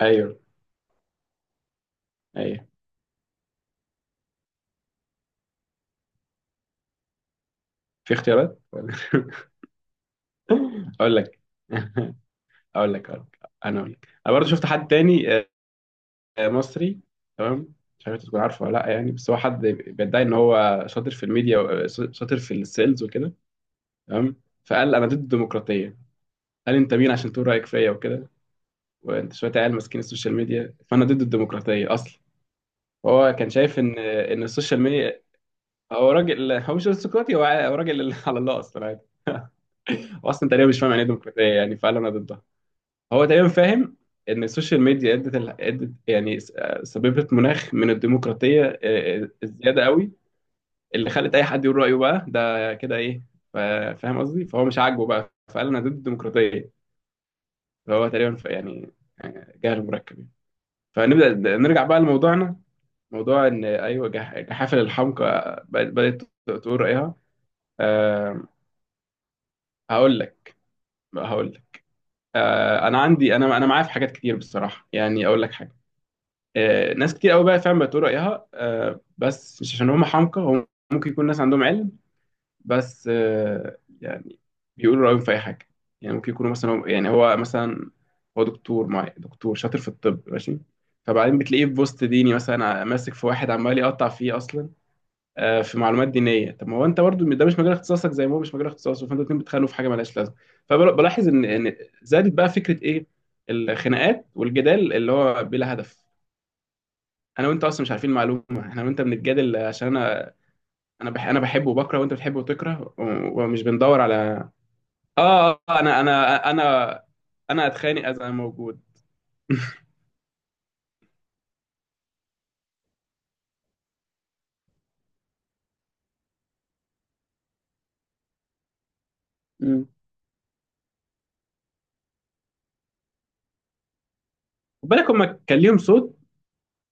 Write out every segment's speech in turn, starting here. ايوه، ايوه، في اختيارات ولا؟ اقول لك. اقول لك اقول لك اقول لك، انا برضه شفت حد تاني. مصري. تمام. مش عارف انت تكون عارفه ولا لا، يعني بس هو حد بيدعي ان هو شاطر في الميديا شاطر في السيلز وكده. تمام. فقال انا ضد الديمقراطيه، قال انت مين عشان تقول رايك فيا وكده، وانت شويه عيال ماسكين السوشيال ميديا، فانا ضد الديمقراطيه اصلا. هو كان شايف ان السوشيال ميديا. هو راجل، هو مش ارستقراطي، هو راجل على الله اصلا. هو اصلا تقريبا مش فاهم يعني ايه ديمقراطيه، يعني فعلا انا ضدها. هو تقريبا فاهم ان السوشيال ميديا ادت ال... ادت يعني س- آه، سببت مناخ من الديمقراطيه، الزياده قوي، اللي خلت اي حد يقول رايه، بقى ده كده ايه. ف- فاهم قصدي، فهو مش عاجبه بقى، فقال انا ضد الديمقراطيه. فهو تقريبا يعني جهل مركب يعني. فنبدا نرجع بقى لموضوعنا، موضوع ان ايوه جحافل الحمقى بدات تقول رايها. أه... هقول لك هقول لك. انا عندي، انا معايا في حاجات كتير بصراحه، يعني اقول لك حاجه. ناس كتير قوي بقى فعلا بتقول رايها، بس مش عشان هم حمقى، هم ممكن يكون ناس عندهم علم، بس يعني بيقولوا رايهم في اي حاجه. يعني ممكن يكونوا مثلا يعني هو مثلا هو دكتور، معايا دكتور شاطر في الطب، ماشي. فبعدين بتلاقيه في بوست ديني مثلا، ماسك في واحد عمال يقطع فيه اصلا في معلومات دينيه. طب ما هو انت برضو ده مش مجال اختصاصك، زي ما هو مش مجال اختصاصه، فانتوا الاتنين بتخانقوا في حاجه مالهاش لازمه. فبلاحظ ان زادت بقى فكره ايه، الخناقات والجدال اللي هو بلا هدف. انا وانت اصلا مش عارفين المعلومه، احنا وانت بنتجادل عشان انا انا بحبه وبكره، وانت بتحبه وتكره، و- ومش بندور على. اه. آه، آه، انا انا انا انا اتخانق اذا انا موجود. مم. خد بالك، هما كان ليهم صوت،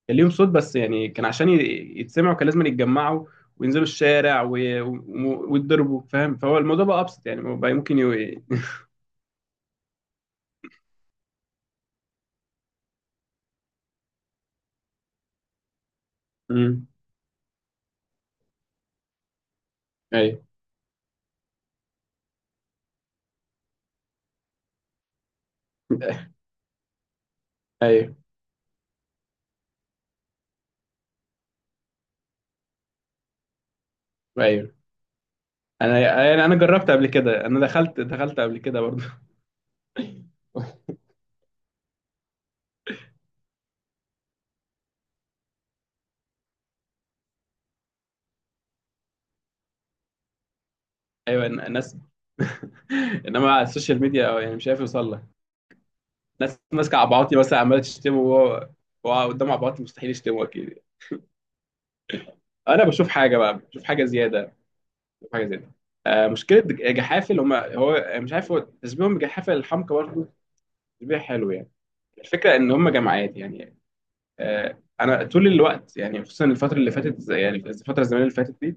كان ليهم صوت بس، يعني كان عشان يتسمعوا كان لازم يتجمعوا وينزلوا الشارع ويتضربوا، فاهم؟ فهو الموضوع بقى ابسط يعني، بقى ممكن مم. ايوه، ايوه، ايوه، انا يعني انا جربت قبل كده، انا دخلت قبل كده برضه. ايوه، ناس. انما على السوشيال ميديا، أو يعني مش عارف يوصل لها. ناس ماسكه عبعاطي مثلا، عماله تشتمه، وهو قدام عبعاطي مستحيل يشتمه اكيد. انا بشوف حاجه بقى، بشوف حاجه زياده، حاجه زي ده. مشكله جحافل، هم هو مش عارف، هو تشبيههم بجحافل الحمقى برضه تشبيه حلو يعني. الفكره ان هم جماعات يعني. انا طول الوقت يعني، خصوصا الفتره اللي فاتت يعني الفتره الزمنيه اللي فاتت دي،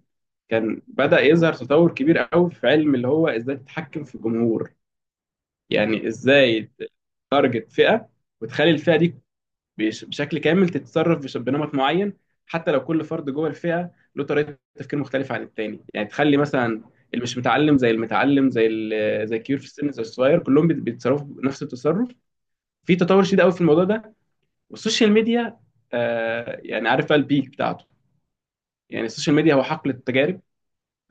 كان بدا يظهر تطور كبير قوي في علم اللي هو ازاي تتحكم في الجمهور، يعني ازاي تارجت فئه وتخلي الفئه دي بشكل كامل تتصرف بنمط معين، حتى لو كل فرد جوه الفئه له طريقه تفكير مختلفه عن التاني، يعني تخلي مثلا اللي مش متعلم زي المتعلم، زي الكبير في السن زي الصغير، كلهم بيتصرفوا بنفس التصرف. في تطور شديد قوي في الموضوع ده، والسوشيال ميديا يعني عارف بقى البيك بتاعته. يعني السوشيال ميديا هو حقل التجارب،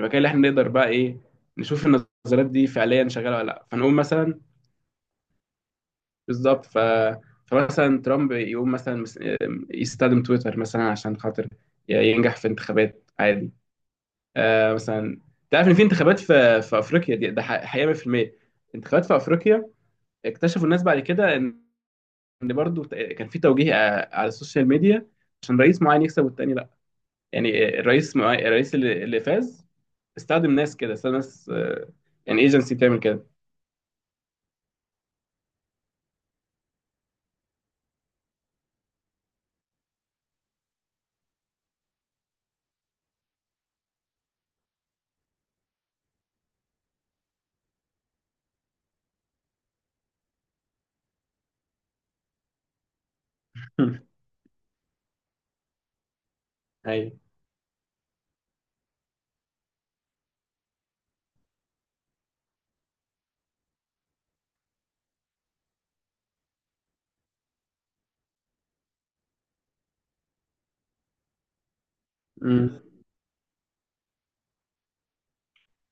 المكان اللي احنا نقدر بقى ايه نشوف النظريات دي فعليا شغاله ولا لا، فنقول مثلا بالظبط فمثلا ترامب يقوم مثلا يستخدم تويتر مثلا عشان خاطر ينجح في انتخابات عادي. مثلا، تعرف ان في انتخابات في افريقيا دي، ده حقيقه 100%. انتخابات في افريقيا اكتشفوا الناس بعد كده ان برضو كان في توجيه على السوشيال ميديا عشان رئيس معين يكسب والتاني لا. يعني الرئيس الرئيس اللي فاز استخدم ناس كده، استخدم ناس، يعني ايجنسي بتعمل كده. ايوه.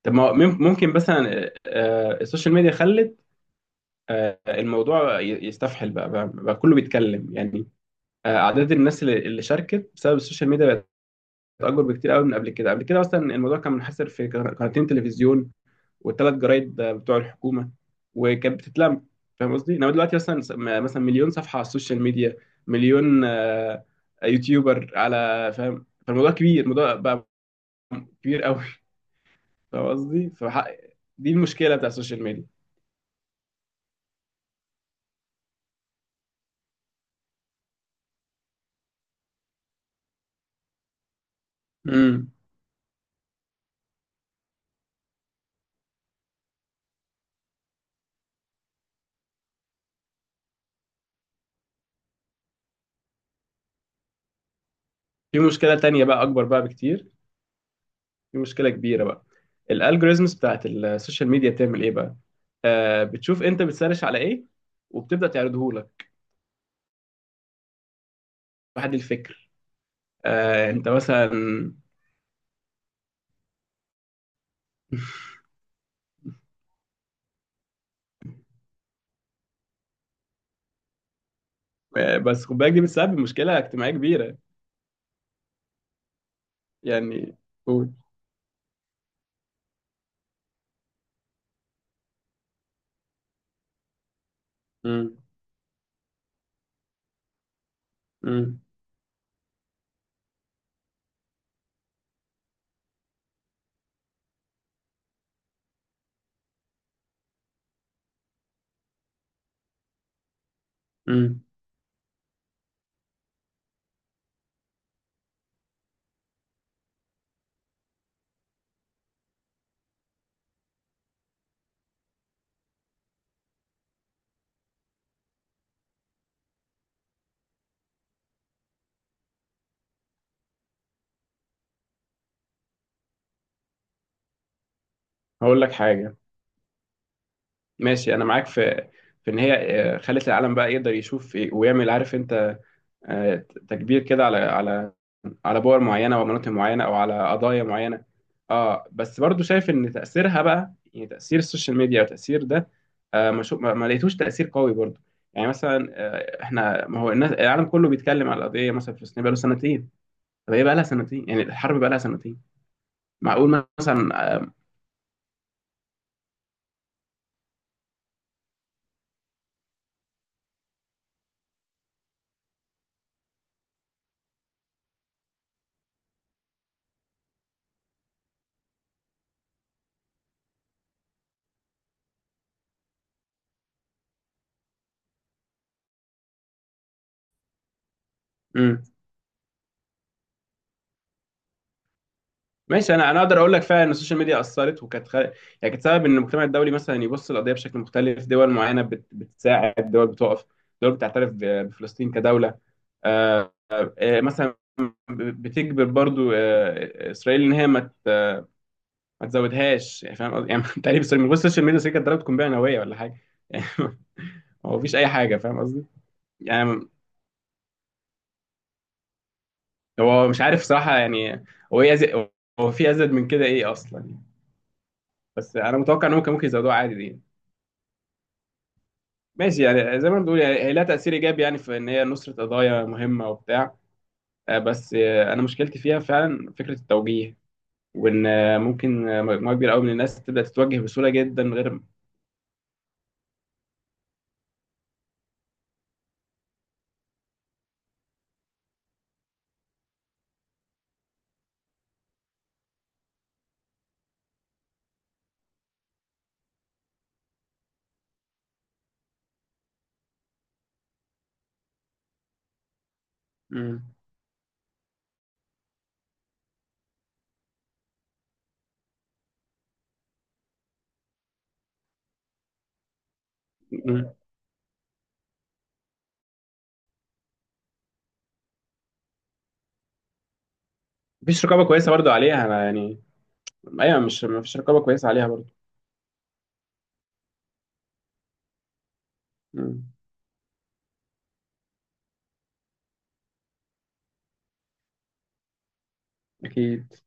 طب ما هو ممكن مثلا السوشيال ميديا خلت الموضوع يستفحل بقى، بقى كله بيتكلم يعني. أعداد الناس اللي شاركت بسبب السوشيال ميديا بقت أكبر بكتير قوي من قبل كده. قبل كده أصلا الموضوع كان منحصر في قناتين تلفزيون والثلاث جرايد بتوع الحكومة، وكانت بتتلم. فاهم قصدي؟ إنما دلوقتي مثلا، مثلا مليون صفحة على السوشيال ميديا، مليون يوتيوبر على، فاهم؟ فالموضوع كبير، الموضوع بقى كبير قوي. فاهم قصدي؟ دي المشكلة بتاع السوشيال ميديا. امم. في مشكله تانية بقى اكبر بقى بكتير، في مشكله كبيره بقى. الالجوريزمز بتاعت السوشيال ميديا بتعمل ايه بقى؟ بتشوف انت بتسرش على ايه وبتبدا تعرضه لك. واحد الفكر، انت مثلا. بس خد بالك، دي بتسبب مشكله اجتماعيه كبيره يعني. قول. امم امم امم هقول لك حاجه. ماشي، انا معاك في ان هي خلت العالم بقى يقدر يشوف إيه ويعمل، عارف انت، آه، تكبير كده على على بور معينه ومناطق معينه، او على قضايا معينه. اه، بس برضو شايف ان تاثيرها بقى، يعني تاثير السوشيال ميديا وتاثير ده ما, شو ما ما لقيتوش تاثير قوي برضو. يعني مثلا احنا، ما هو الناس، العالم كله بيتكلم على القضيه مثلا في فلسطين بقى له سنتين. طب هي بقى لها سنتين، يعني الحرب بقى لها سنتين، معقول مثلا؟ آه ماشي، انا اقدر اقول لك فعلا ان السوشيال ميديا اثرت، وكانت يعني كانت سبب ان المجتمع الدولي مثلا يبص للقضيه بشكل مختلف، دول معينه بتساعد، دول بتقف، دول بتعترف بفلسطين كدوله. آه، مثلا بتجبر برضو اسرائيل ان هي ما تزودهاش يعني، فاهم قصدي؟ يعني تقريبا اسرائيل من غير السوشيال ميديا، اسرائيل كانت ضربت قنبله نوويه ولا حاجه يعني. هو مفيش اي حاجه، فاهم قصدي؟ يعني هو مش عارف صراحه يعني، هو ايه هو في ازيد من كده ايه اصلا يعني. بس انا متوقع ان هم كان ممكن يزودوها عادي دي. ماشي، يعني زي ما بنقول يعني، هي لها تأثير إيجابي يعني في إن هي نصرة قضايا مهمة وبتاع. بس أنا مشكلتي فيها فعلا فكرة التوجيه، وإن ممكن مجموعة كبيرة أوي من الناس تبدأ تتوجه بسهولة جدا من غير. مم. مم. مفيش رقابة كويسة برضو عليها، أنا يعني. أيوة، مش مفيش رقابة كويسة عليها برضو. مم. أكيد.